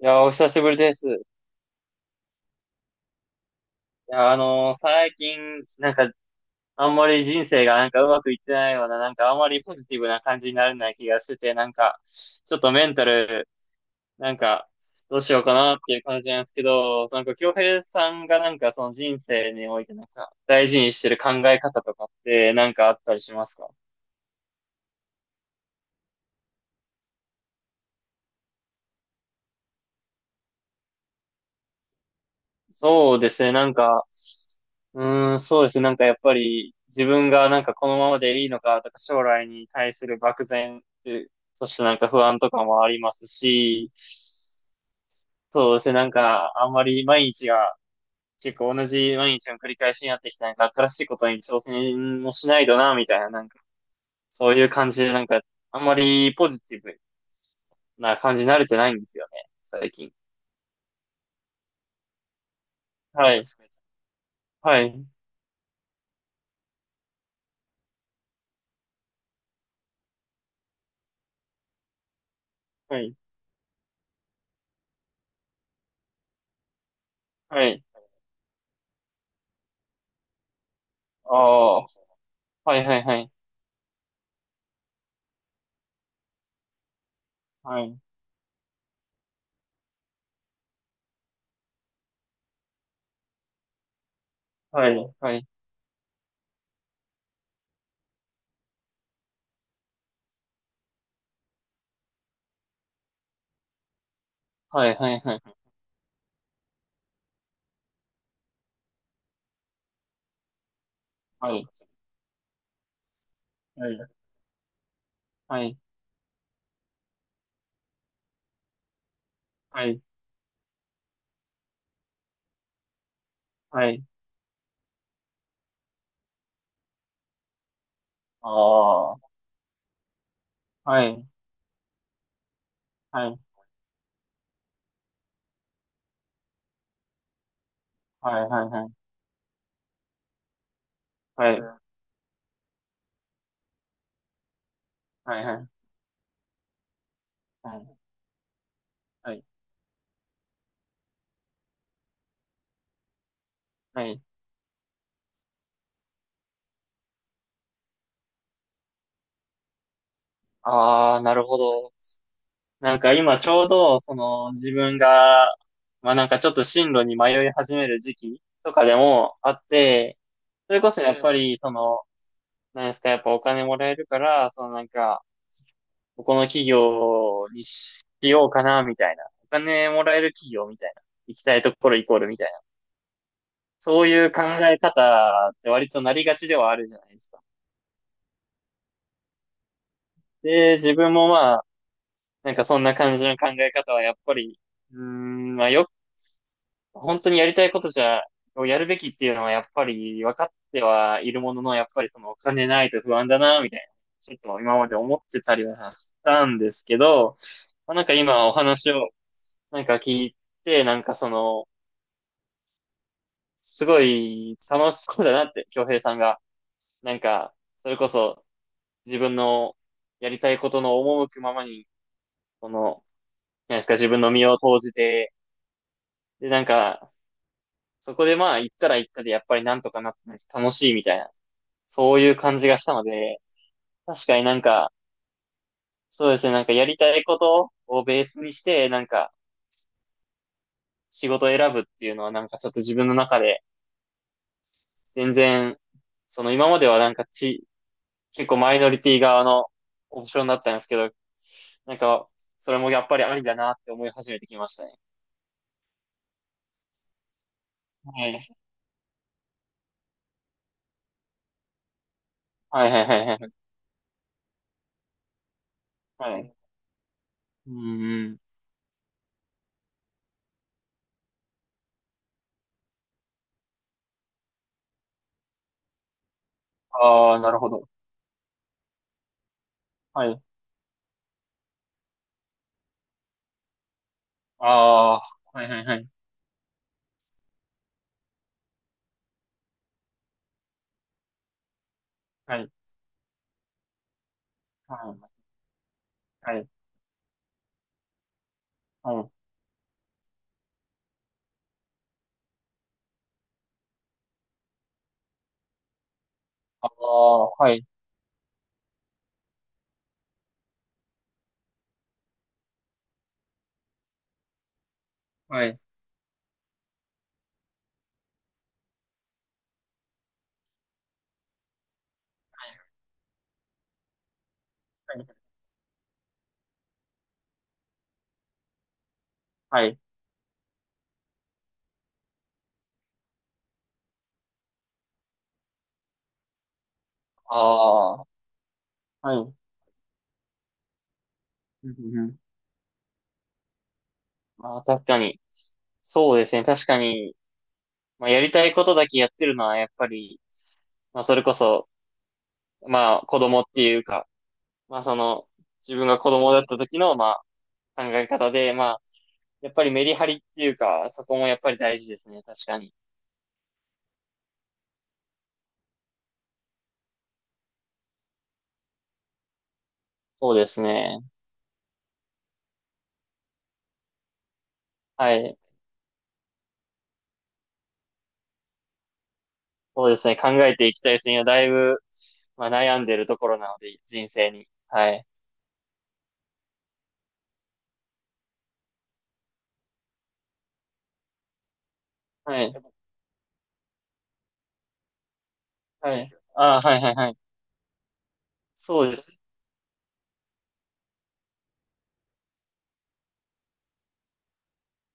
いや、お久しぶりです。いや、最近、なんか、あんまり人生がなんかうまくいってないような、なんかあんまりポジティブな感じになれない気がしてて、なんか、ちょっとメンタル、なんか、どうしようかなっていう感じなんですけど、なんか、京平さんがなんかその人生においてなんか、大事にしてる考え方とかって、なんかあったりしますか？そうですね、なんか、うーん、そうですね、なんかやっぱり自分がなんかこのままでいいのかとか将来に対する漠然っていう、そしてなんか不安とかもありますし、そうですね、なんかあんまり毎日が結構同じ毎日の繰り返しになってきた、なんか新しいことに挑戦もしないとな、みたいな、なんかそういう感じでなんかあんまりポジティブな感じに慣れてないんですよね、最近。はい。はい。はい。はい。ああ。はいはいはい。はい。はい。はい。はい。はい。はい。はい。はい。はい。はい。はい。ああ。はい。はい。はい。はい。はい。はい。はい。はい。はい。はい。ああ、なるほど。なんか今ちょうど、その自分が、まあなんかちょっと進路に迷い始める時期とかでもあって、それこそやっぱり、その、なんですか、やっぱお金もらえるから、そのなんか、ここの企業にしようかな、みたいな。お金もらえる企業みたいな。行きたいところイコールみたいな。そういう考え方って割となりがちではあるじゃないですか。で、自分もまあ、なんかそんな感じの考え方はやっぱり、うーん、まあよ、本当にやりたいことじゃ、をやるべきっていうのはやっぱり分かってはいるものの、やっぱりそのお金ないと不安だな、みたいな。ちょっと今まで思ってたりはしたんですけど、まあ、なんか今お話をなんか聞いて、なんかその、すごい楽しそうだなって、京平さんが。なんか、それこそ自分のやりたいことの赴くままに、この、なんですか、自分の身を投じて、で、なんか、そこでまあ、行ったら行ったで、やっぱりなんとかなって、なんか楽しいみたいな、そういう感じがしたので、確かになんか、そうですね、なんかやりたいことをベースにして、なんか、仕事を選ぶっていうのは、なんかちょっと自分の中で、全然、その今まではなんかち、結構マイノリティ側のオプションだったんですけど、なんか、それもやっぱりありだなって思い始めてきましたね。はい。はいはいはいはい。はい。うんうん。ああ、なるほど。はい。ああ、はいはいはい。はい。はい。はい。はい。ああ、はい。はい。はい。はい。ああはい。うんうんうん。ああ確かに。そうですね。確かに、まあ、やりたいことだけやってるのは、やっぱり、まあ、それこそ、まあ、子供っていうか、まあその、自分が子供だった時の、まあ考え方で、まあ、やっぱりメリハリっていうか、そこもやっぱり大事ですね。確かに。そうですね。はい。そうですね。考えていきたいですね。今だいぶ、まあ悩んでるところなので、人生に。はい。はい。はい。ああ、はいはいはい。そうです。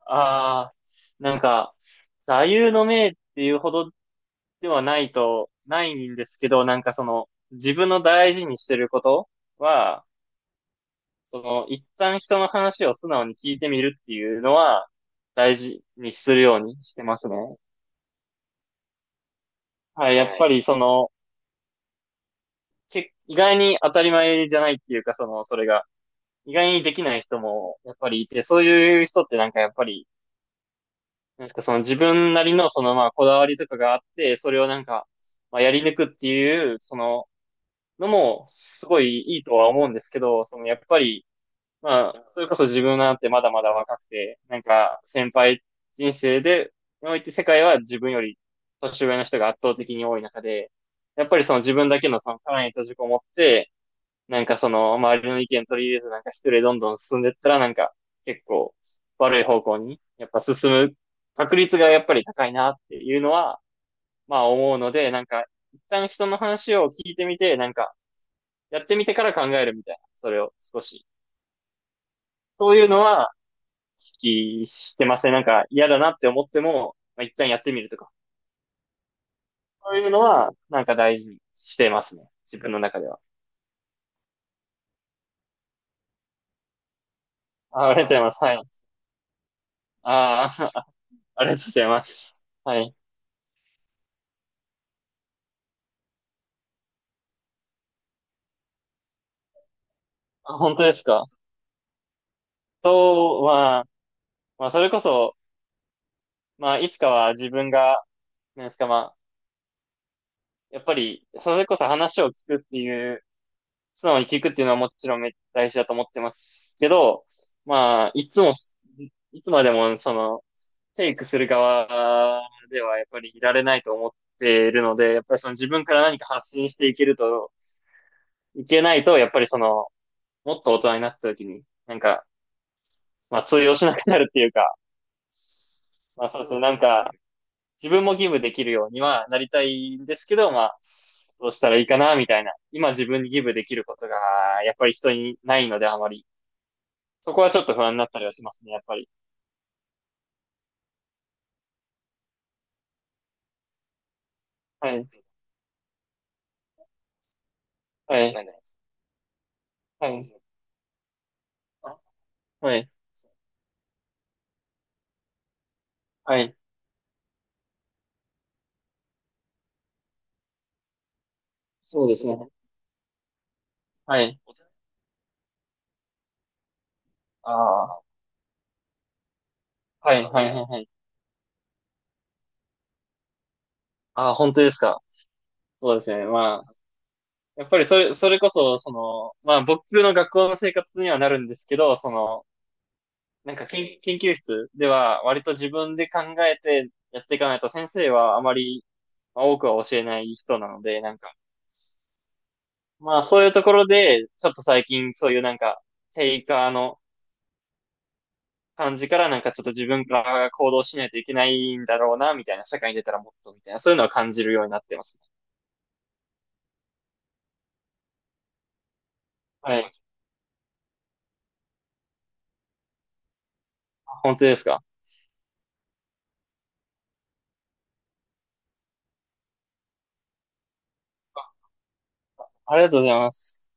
ああ、なんか、座右の銘っていうほどではないと、ないんですけど、なんかその、自分の大事にしてることは、その、一旦人の話を素直に聞いてみるっていうのは、大事にするようにしてますね。はい、やっぱりその、意外に当たり前じゃないっていうか、その、それが、意外にできない人も、やっぱりいて、そういう人ってなんかやっぱり、なんかその自分なりのそのまあこだわりとかがあって、それをなんか、まあやり抜くっていう、その、のも、すごいいいとは思うんですけど、そのやっぱり、まあ、それこそ自分なんてまだまだ若くて、なんか人生で、において、世界は自分より年上の人が圧倒的に多い中で、やっぱりその自分だけのその殻に閉じこもって、なんかその周りの意見取り入れずなんか一人でどんどん進んでったらなんか結構悪い方向にやっぱ進む確率がやっぱり高いなっていうのはまあ思うので、なんか一旦人の話を聞いてみて、なんかやってみてから考えるみたいな、それを少し。そういうのは意識してますね。なんか嫌だなって思っても、まあ、一旦やってみるとか。そういうのは、なんか大事にしてますね。自分の中では。あ、ありがとうございます。はい。ああ、ありがとうございます。はい。あ、本当ですか？そうは、まあ、それこそ、まあ、いつかは自分が、なんですか、まあ、やっぱり、それこそ話を聞くっていう、素直に聞くっていうのはもちろんめっちゃ大事だと思ってますけど、まあ、いつも、いつまでも、その、テイクする側ではやっぱりいられないと思っているので、やっぱりその自分から何か発信していけると、いけないと、やっぱりその、もっと大人になった時に、なんか、まあ通用しなくなるっていうか、まあそうですね、なんか、自分もギブできるようにはなりたいんですけど、まあ、どうしたらいいかな、みたいな。今自分にギブできることが、やっぱり人にないのであまり。そこはちょっと不安になったりはしますね、やっぱり。はい。はい。はい。はい。はい。そうですね。はい。ああ。はい、はい、はい、はい。ああ、本当ですか？そうですね。まあ、やっぱりそれ、それこそ、その、まあ、僕の学校の生活にはなるんですけど、その、なんか研究室では、割と自分で考えてやっていかないと、先生はあまり、まあ、多くは教えない人なので、なんか、まあ、そういうところで、ちょっと最近、そういうなんか、テイカーの感じから、なんかちょっと自分から行動しないといけないんだろうな、みたいな、社会に出たらもっと、みたいな、そういうのは感じるようになってますね。はい。本当ですか？ありがとうございます。